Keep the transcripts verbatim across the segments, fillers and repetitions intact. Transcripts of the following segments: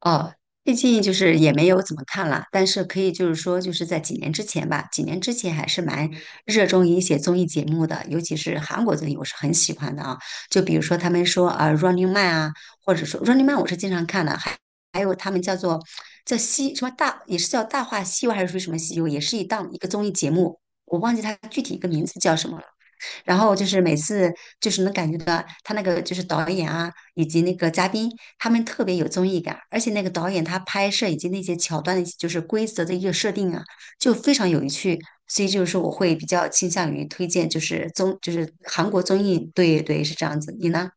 哦，最近就是也没有怎么看了，但是可以就是说，就是在几年之前吧，几年之前还是蛮热衷于一些综艺节目的，尤其是韩国综艺，我是很喜欢的啊。就比如说他们说呃《Running Man》啊，或者说《Running Man》,我是经常看的，还还有他们叫做叫西什么大，也是叫《大话西游》还是说什么西游，也是一档一个综艺节目，我忘记它具体一个名字叫什么了。然后就是每次就是能感觉到他那个就是导演啊，以及那个嘉宾，他们特别有综艺感，而且那个导演他拍摄以及那些桥段的，就是规则的一个设定啊，就非常有趣。所以就是我会比较倾向于推荐，就是综，就是韩国综艺，对对是这样子。你呢？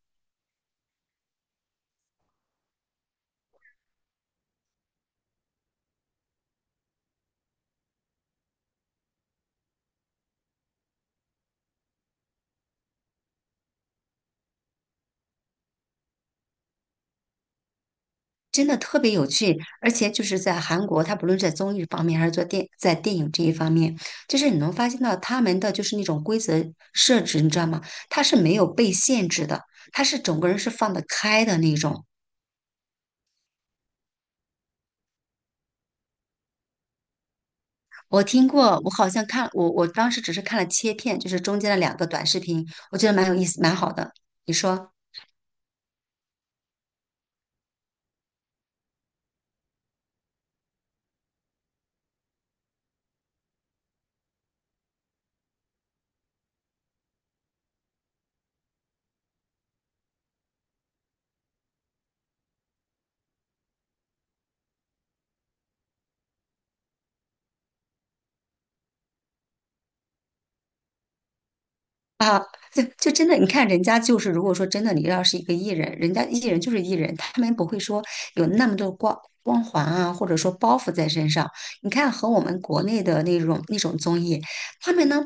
真的特别有趣，而且就是在韩国，他不论是在综艺方面还是做电在电影这一方面，就是你能发现到他们的就是那种规则设置，你知道吗？他是没有被限制的，他是整个人是放得开的那种。我听过，我好像看我我当时只是看了切片，就是中间的两个短视频，我觉得蛮有意思，蛮好的。你说？啊，就就真的，你看人家就是，如果说真的，你要是一个艺人，人家艺人就是艺人，他们不会说有那么多光光环啊，或者说包袱在身上。你看和我们国内的那种那种综艺，他们呢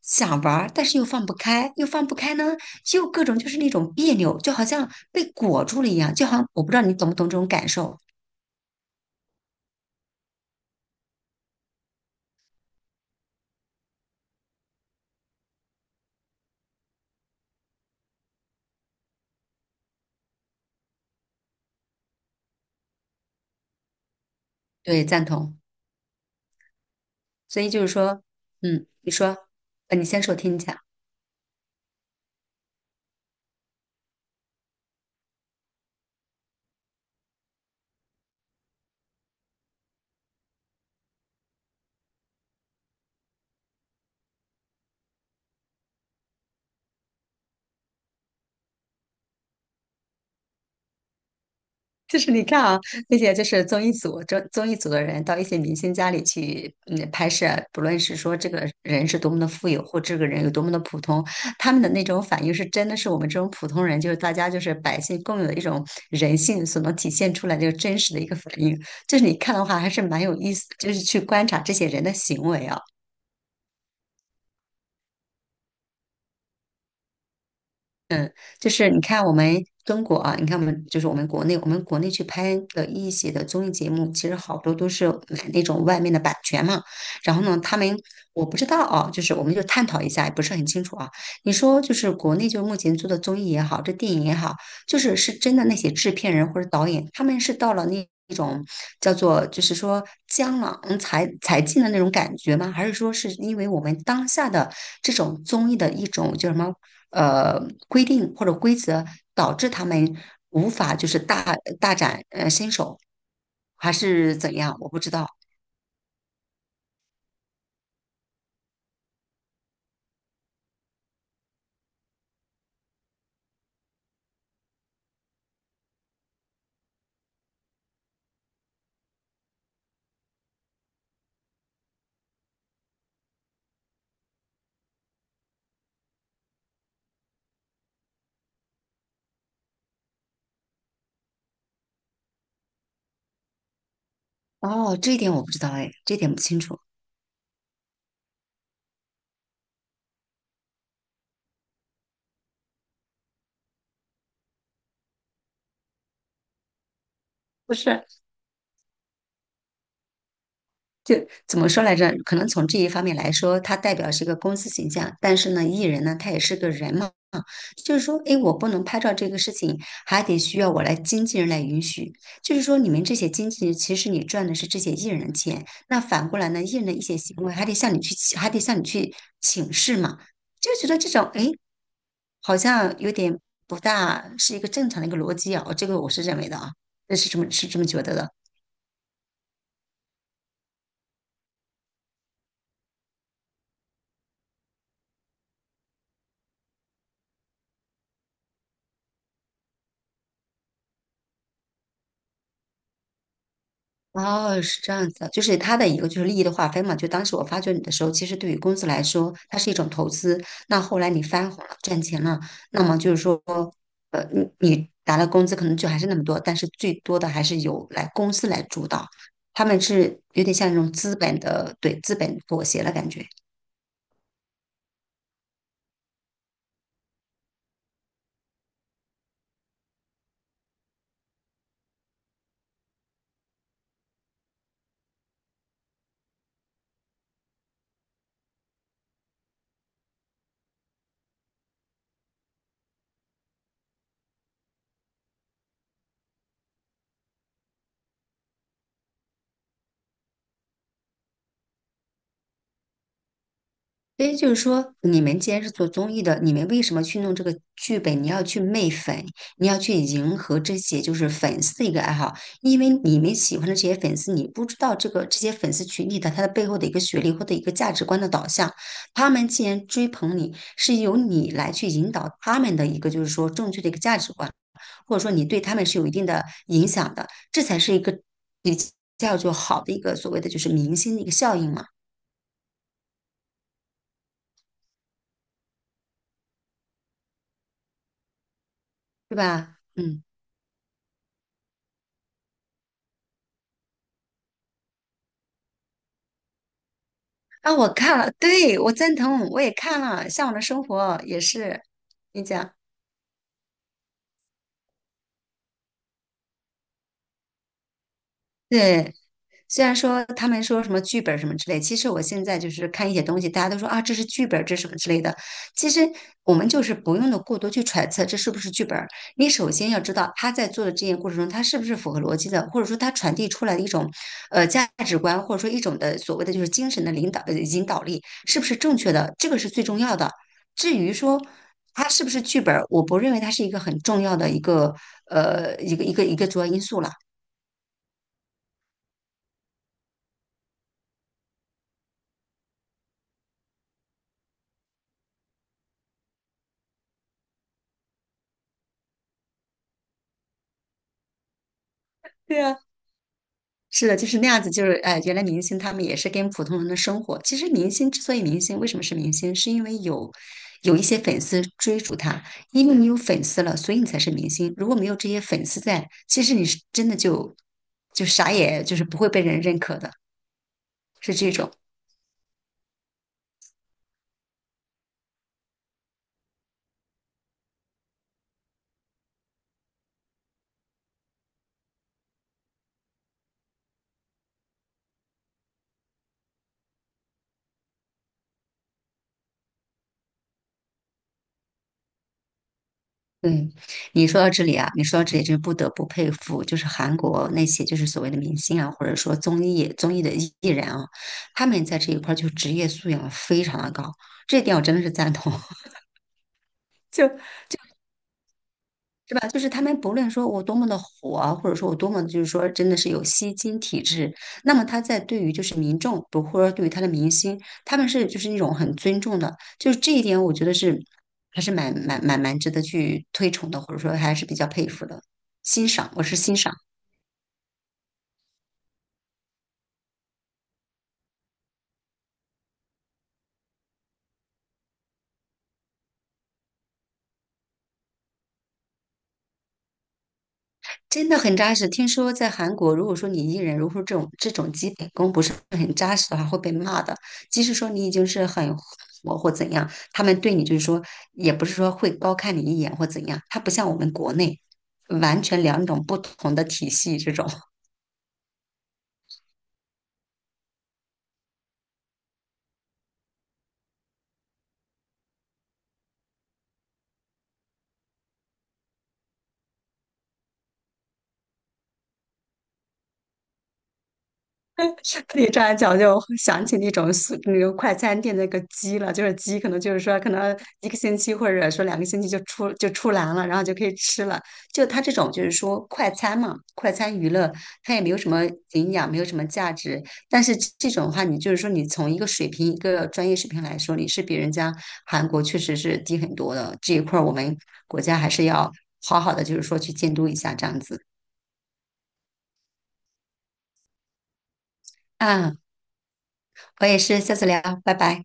想玩儿，但是又放不开，又放不开呢，又各种就是那种别扭，就好像被裹住了一样，就好像我不知道你懂不懂这种感受。对，赞同。所以就是说，嗯，你说，呃，你先说，我听一下。就是你看啊，那些就是综艺组、综综艺组的人到一些明星家里去，嗯，拍摄，不论是说这个人是多么的富有，或这个人有多么的普通，他们的那种反应是真的是我们这种普通人，就是大家就是百姓共有的一种人性所能体现出来的真实的一个反应。就是你看的话，还是蛮有意思，就是去观察这些人的行为啊。就是你看我们中国啊，你看我们就是我们国内，我们国内去拍的一些的综艺节目，其实好多都是买那种外面的版权嘛。然后呢，他们我不知道啊，就是我们就探讨一下，也不是很清楚啊。你说就是国内就目前做的综艺也好，这电影也好，就是是真的那些制片人或者导演，他们是到了那那种叫做就是说江郎才才尽的那种感觉吗？还是说是因为我们当下的这种综艺的一种叫什么呃规定或者规则，导致他们无法就是大大展呃身手，还是怎样？我不知道。哦，这一点我不知道哎，这一点不清楚。不是，就怎么说来着？可能从这一方面来说，它代表是一个公司形象，但是呢，艺人呢，他也是个人嘛。就是说，哎，我不能拍照这个事情，还得需要我来经纪人来允许。就是说，你们这些经纪人，其实你赚的是这些艺人的钱，那反过来呢，艺人的一些行为还得向你去还得向你去请示嘛，就觉得这种，哎，好像有点不大是一个正常的一个逻辑啊，这个我是认为的啊，那是这么是这么觉得的。哦，是这样子的，就是它的一个就是利益的划分嘛。就当时我发掘你的时候，其实对于公司来说，它是一种投资。那后来你翻红了，赚钱了，那么就是说，呃，你你拿的工资可能就还是那么多，但是最多的还是由来公司来主导，他们是有点像那种资本的，对，资本妥协了感觉。所以就是说，你们既然是做综艺的，你们为什么去弄这个剧本？你要去媚粉，你要去迎合这些就是粉丝的一个爱好，因为你们喜欢的这些粉丝，你不知道这个这些粉丝群体的他的背后的一个学历或者一个价值观的导向，他们既然追捧你，是由你来去引导他们的一个就是说正确的一个价值观，或者说你对他们是有一定的影响的，这才是一个比较就好的一个所谓的就是明星的一个效应嘛，对吧？嗯。啊，我看了，对，我赞同，我也看了《向往的生活》，也是，你讲，对。虽然说他们说什么剧本什么之类，其实我现在就是看一些东西，大家都说啊，这是剧本这是什么之类的。其实我们就是不用的过多去揣测这是不是剧本儿。你首先要知道他在做的这件过程中，他是不是符合逻辑的，或者说他传递出来的一种呃价值观，或者说一种的所谓的就是精神的领导呃引导力是不是正确的，这个是最重要的。至于说它是不是剧本儿，我不认为它是一个很重要的一个呃一个一个一个主要因素了。对啊。是的，就是那样子，就是哎，呃原来明星他们也是跟普通人的生活。其实明星之所以明星，为什么是明星？是因为有有一些粉丝追逐他，因为你有粉丝了，所以你才是明星。如果没有这些粉丝在，其实你是真的就就啥也就是不会被人认可的，是这种。嗯，你说到这里啊，你说到这里，就是不得不佩服，就是韩国那些就是所谓的明星啊，或者说综艺综艺的艺艺人啊，他们在这一块儿就职业素养非常的高，这一点我真的是赞同。就是吧？就是他们不论说我多么的火啊，或者说我多么就是说真的是有吸金体质，那么他在对于就是民众，不或者对于他的明星，他们是就是那种很尊重的，就是这一点我觉得是还是蛮蛮蛮蛮值得去推崇的，或者说还是比较佩服的，欣赏，我是欣赏。真的很扎实。听说在韩国，如果说你艺人如果说这种这种基本功不是很扎实的话，会被骂的。即使说你已经是很火或怎样，他们对你就是说，也不是说会高看你一眼或怎样。他不像我们国内，完全两种不同的体系这种。你这样讲，就想起那种速那个快餐店的那个鸡了，就是鸡，可能就是说，可能一个星期或者说两个星期就出就出栏了，然后就可以吃了。就它这种就是说快餐嘛，快餐娱乐，它也没有什么营养，没有什么价值。但是这这种的话，你就是说，你从一个水平、一个专业水平来说，你是比人家韩国确实是低很多的。这一块儿我们国家还是要好好的，就是说去监督一下这样子。嗯，我也是，下次聊，拜拜。